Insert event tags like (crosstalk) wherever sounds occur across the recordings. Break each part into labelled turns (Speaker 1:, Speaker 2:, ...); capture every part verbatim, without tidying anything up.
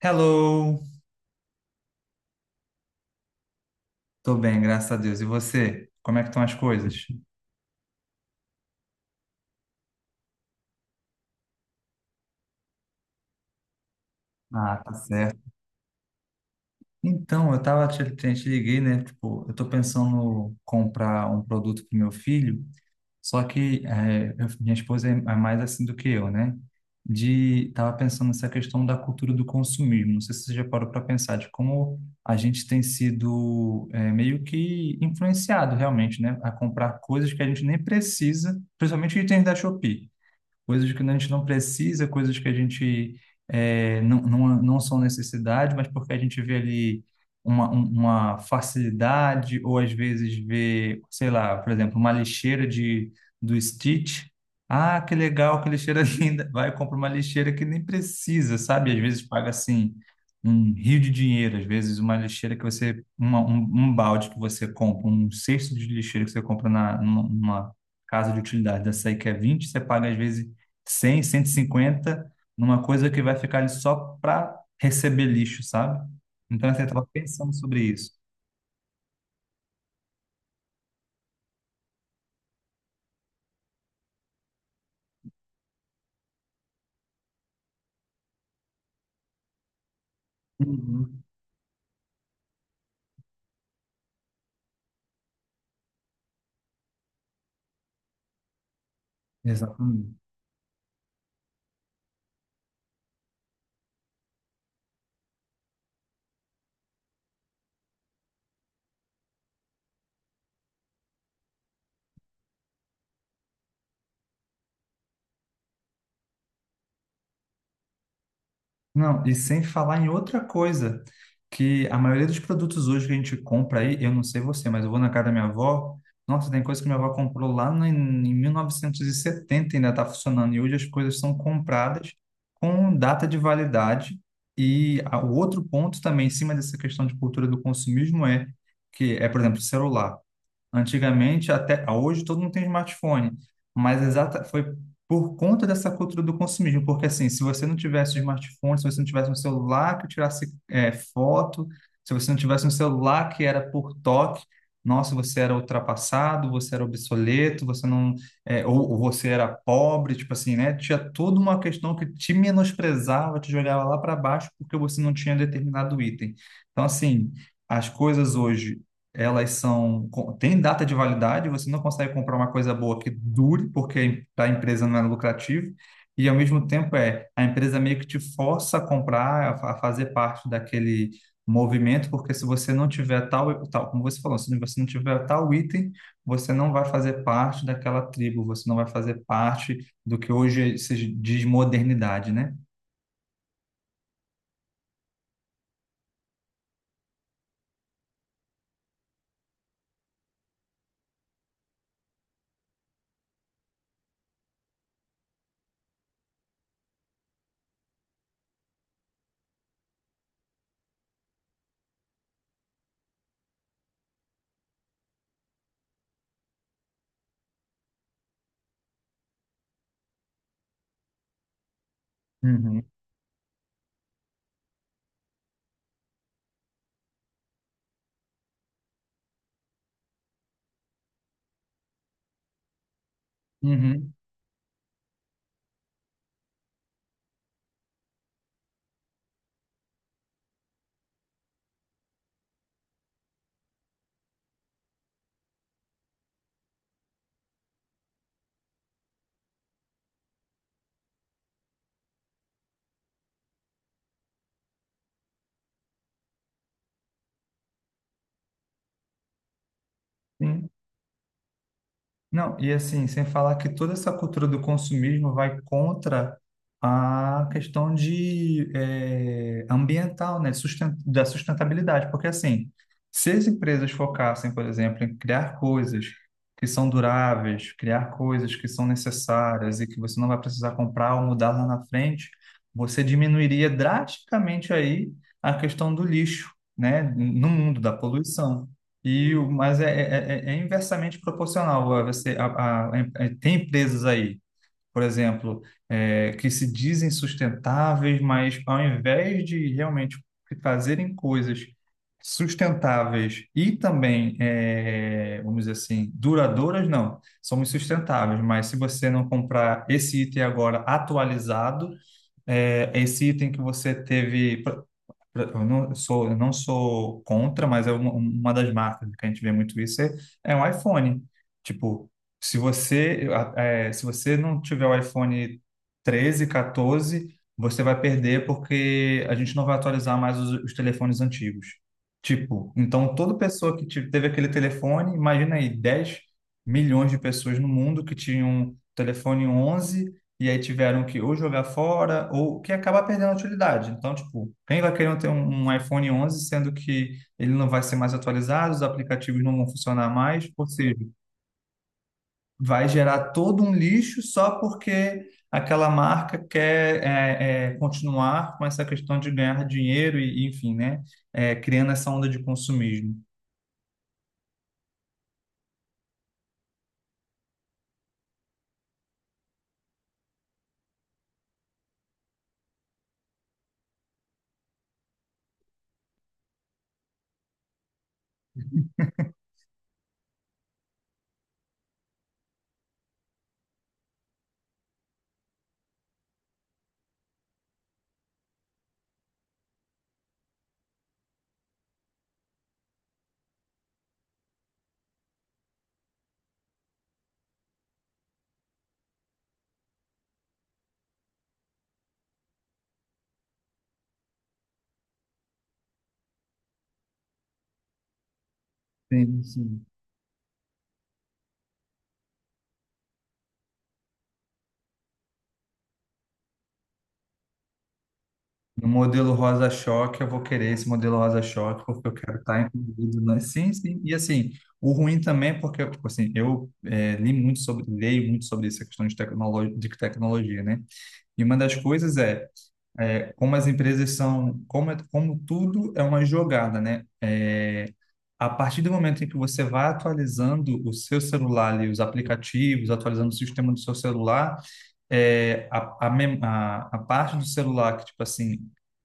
Speaker 1: Hello! Tô bem, graças a Deus. E você? Como é que estão as coisas? Ah, tá certo. Então, eu tava te, te te liguei, né? Tipo, eu tô pensando comprar um produto pro meu filho, só que é, eu- minha esposa é é mais assim do que eu, né? De tava pensando nessa questão da cultura do consumismo. Não sei se você já parou para pensar de como a gente tem sido é, meio que influenciado realmente, né? A comprar coisas que a gente nem precisa, principalmente itens da Shopee. coisas que a gente não precisa, coisas que a gente é, não, não, não são necessidade, mas porque a gente vê ali uma, um- uma facilidade, ou às vezes vê, sei lá, por exemplo, uma lixeira de, do Stitch. Ah, que legal, que lixeira (laughs) linda. Vai, compra uma lixeira que nem precisa, sabe? Às vezes paga assim um rio de dinheiro, às vezes uma lixeira que você, uma, um, um balde que você compra, um cesto de lixeira que você compra na, numa, numa casa de utilidade dessa aí que é vinte, você paga às vezes cem, cento e cinquenta numa coisa que vai ficar ali só para receber lixo, sabe? Então, assim, eu estava pensando sobre isso. Uhum. Exatamente. Não, e sem falar em outra coisa, que a maioria dos produtos hoje que a gente compra aí, eu não sei você, mas eu vou na casa da minha avó, nossa, tem coisa que minha avó comprou lá no, em mil novecentos e setenta e setenta e ainda está funcionando, e hoje as coisas são compradas com data de validade. E a- o outro ponto também, em cima dessa questão de cultura do consumismo, é que é, por exemplo, celular. Antigamente, até hoje, todo mundo tem smartphone, mas exata foi por conta dessa cultura do consumismo, porque assim, se você não tivesse smartphone, se você não tivesse um celular que tirasse eh, foto, se você não tivesse um celular que era por toque, nossa, você era ultrapassado, você era obsoleto, você não, eh, ou, ou você era pobre, tipo assim, né? Tinha toda uma questão que te menosprezava, te jogava lá para baixo porque você não tinha determinado item. Então, assim, as coisas hoje elas são com- têm data de validade, você não consegue comprar uma coisa boa que dure, porque para a empresa não é lucrativo, e ao mesmo tempo é a empresa meio que te força a comprar, a a fazer parte daquele movimento, porque se você não tiver tal, tal, como você falou, se você não tiver tal item, você não vai fazer parte daquela tribo, você não vai fazer parte do que hoje se diz modernidade, né? Uhum. Uhum. Sim. Não, e assim, sem falar que toda essa cultura do consumismo vai contra a questão de eh, ambiental, né, susten- da sustentabilidade, porque assim, se as empresas focassem, por exemplo, em criar coisas que são duráveis, criar coisas que são necessárias e que você não vai precisar comprar ou mudar lá na frente, você diminuiria drasticamente aí a questão do lixo, né, no mundo da poluição. E o, mas é, é, é é inversamente proporcional. Ah, Você, a, a- a- tem empresas aí, por exemplo, é, que se dizem sustentáveis, mas ao invés de realmente fazerem coisas sustentáveis e também, é, vamos dizer assim, duradouras, não. Somos sustentáveis, mas se você não comprar esse item agora atualizado, é, é esse item que você teve. Eu não sou, eu não sou contra, mas é uma, uma das marcas que a gente vê muito isso, é, é o iPhone. Tipo, se você, é, se você não tiver o iPhone treze quatorze, você vai perder porque a gente não vai atualizar mais os, os telefones antigos. Tipo, então toda pessoa que te- teve aquele telefone, imagina aí, dez milhões de pessoas no mundo que tinham telefone onze e aí tiveram que ou jogar fora ou que acabar perdendo a utilidade. Então, tipo, quem vai querer ter um, um iPhone onze, sendo que ele não vai ser mais atualizado, os aplicativos não vão funcionar mais, ou seja, vai gerar todo um lixo só porque aquela marca quer é, é, continuar com essa questão de ganhar dinheiro e, enfim, né, é, criando essa onda de consumismo. Sim, sim. No modelo rosa-choque, eu vou querer esse modelo rosa-choque, porque eu quero estar incluído. Né? Sim, sim. E assim, o ruim também é porque, tipo assim, eu eh, li muito sobre, leio muito sobre essa questão de, tecnolo de tecnologia, né? E uma das coisas é, eh, como as empresas são, como, é- como tudo é uma jogada, né? Eh, a partir do momento em que você vai atualizando o seu celular ali, os aplicativos, atualizando o sistema do seu celular, é, a, a, mem- a, a parte do celular que, tipo assim,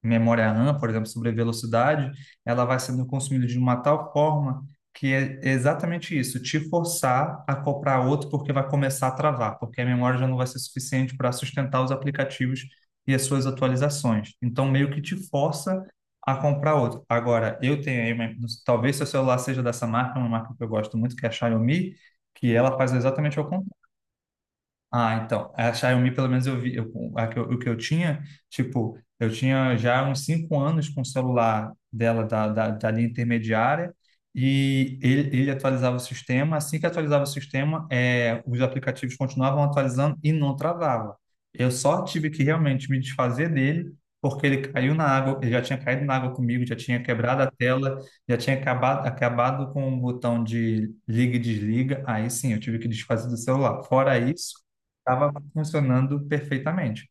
Speaker 1: memória RAM, por exemplo, sobre velocidade, ela vai sendo consumida de uma tal forma que é exatamente isso, te forçar a comprar outro porque vai começar a travar, porque a memória já não vai ser suficiente para sustentar os aplicativos e as suas atualizações. Então, meio que te força a comprar outro. Agora, eu tenho aí, uma- talvez seu celular seja dessa marca, uma marca que eu gosto muito, que é a Xiaomi, que ela faz exatamente o ah, então, a Xiaomi, pelo menos eu vi, eu, a que eu- o que eu tinha, tipo, eu tinha já uns cinco anos com o celular dela da, da, da linha intermediária e ele, ele atualizava o sistema. Assim que atualizava o sistema, é, os aplicativos continuavam atualizando e não travava. Eu só tive que realmente me desfazer dele porque ele caiu na água, ele já tinha caído na água comigo, já tinha quebrado a tela, já tinha acabado, acabado com o botão de liga e desliga. Aí sim, eu tive que desfazer do celular. Fora isso estava funcionando perfeitamente.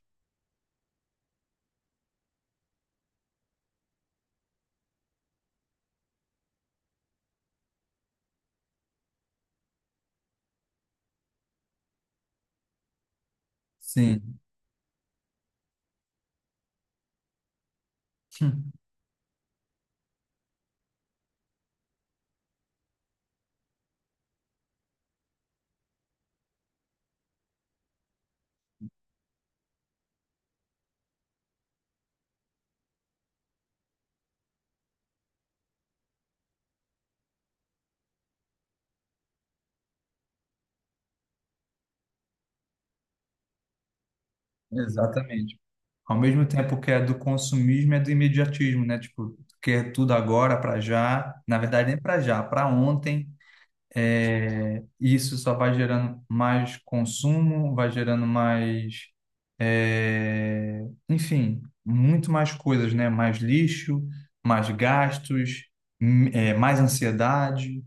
Speaker 1: Sim, (laughs) exatamente. Ao mesmo tempo que é do consumismo, é do imediatismo, né? Tipo, quer tudo agora, para já. Na verdade, nem para já, para ontem. É, isso só vai gerando mais consumo, vai gerando mais, é, enfim, muito mais coisas, né? Mais lixo, mais gastos, hum, é, mais ansiedade.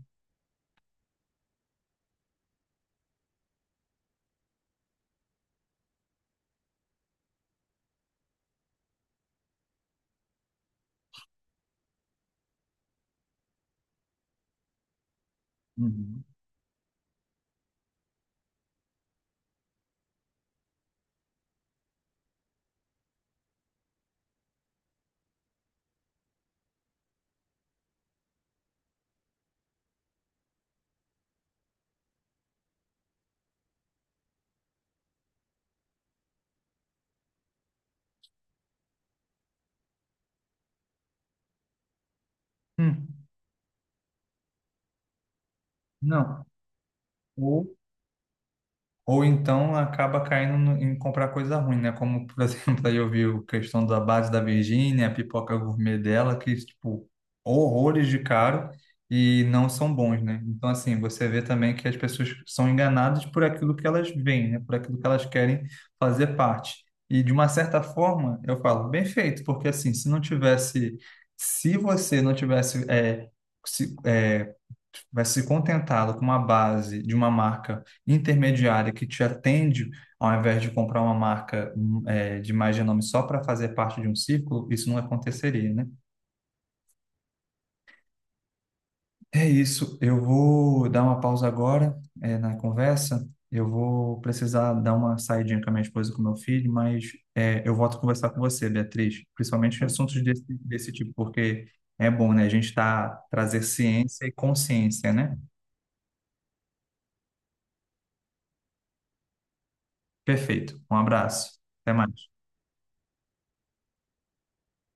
Speaker 1: Uhum. Hum, Não. Ou então acaba caindo no- em comprar coisa ruim, né? Como, por (laughs) exemplo, aí eu vi a questão da base da Virgínia, a pipoca gourmet dela, que, tipo, horrores de caro e não são bons, né? Então, assim, você vê também que as pessoas são enganadas por aquilo que elas veem, né? Por aquilo que elas querem fazer parte. E, de uma certa forma, eu falo, bem feito, porque, assim, se não tivesse. Se você não tivesse. é, vai se contentado com uma base de uma marca intermediária que te atende, ao invés de comprar uma marca hum, eh, de mais renome só para fazer parte de um círculo, isso não aconteceria, né? É isso. Eu vou dar uma pausa agora, eh, na conversa. Eu vou precisar dar uma saidinha com a minha esposa e com o meu filho, mas eh, eu volto a conversar com você, Beatriz, principalmente em assuntos desse, desse tipo, porque é bom, né? A gente tá trazer ciência e consciência, né? Perfeito. Um abraço. Até mais.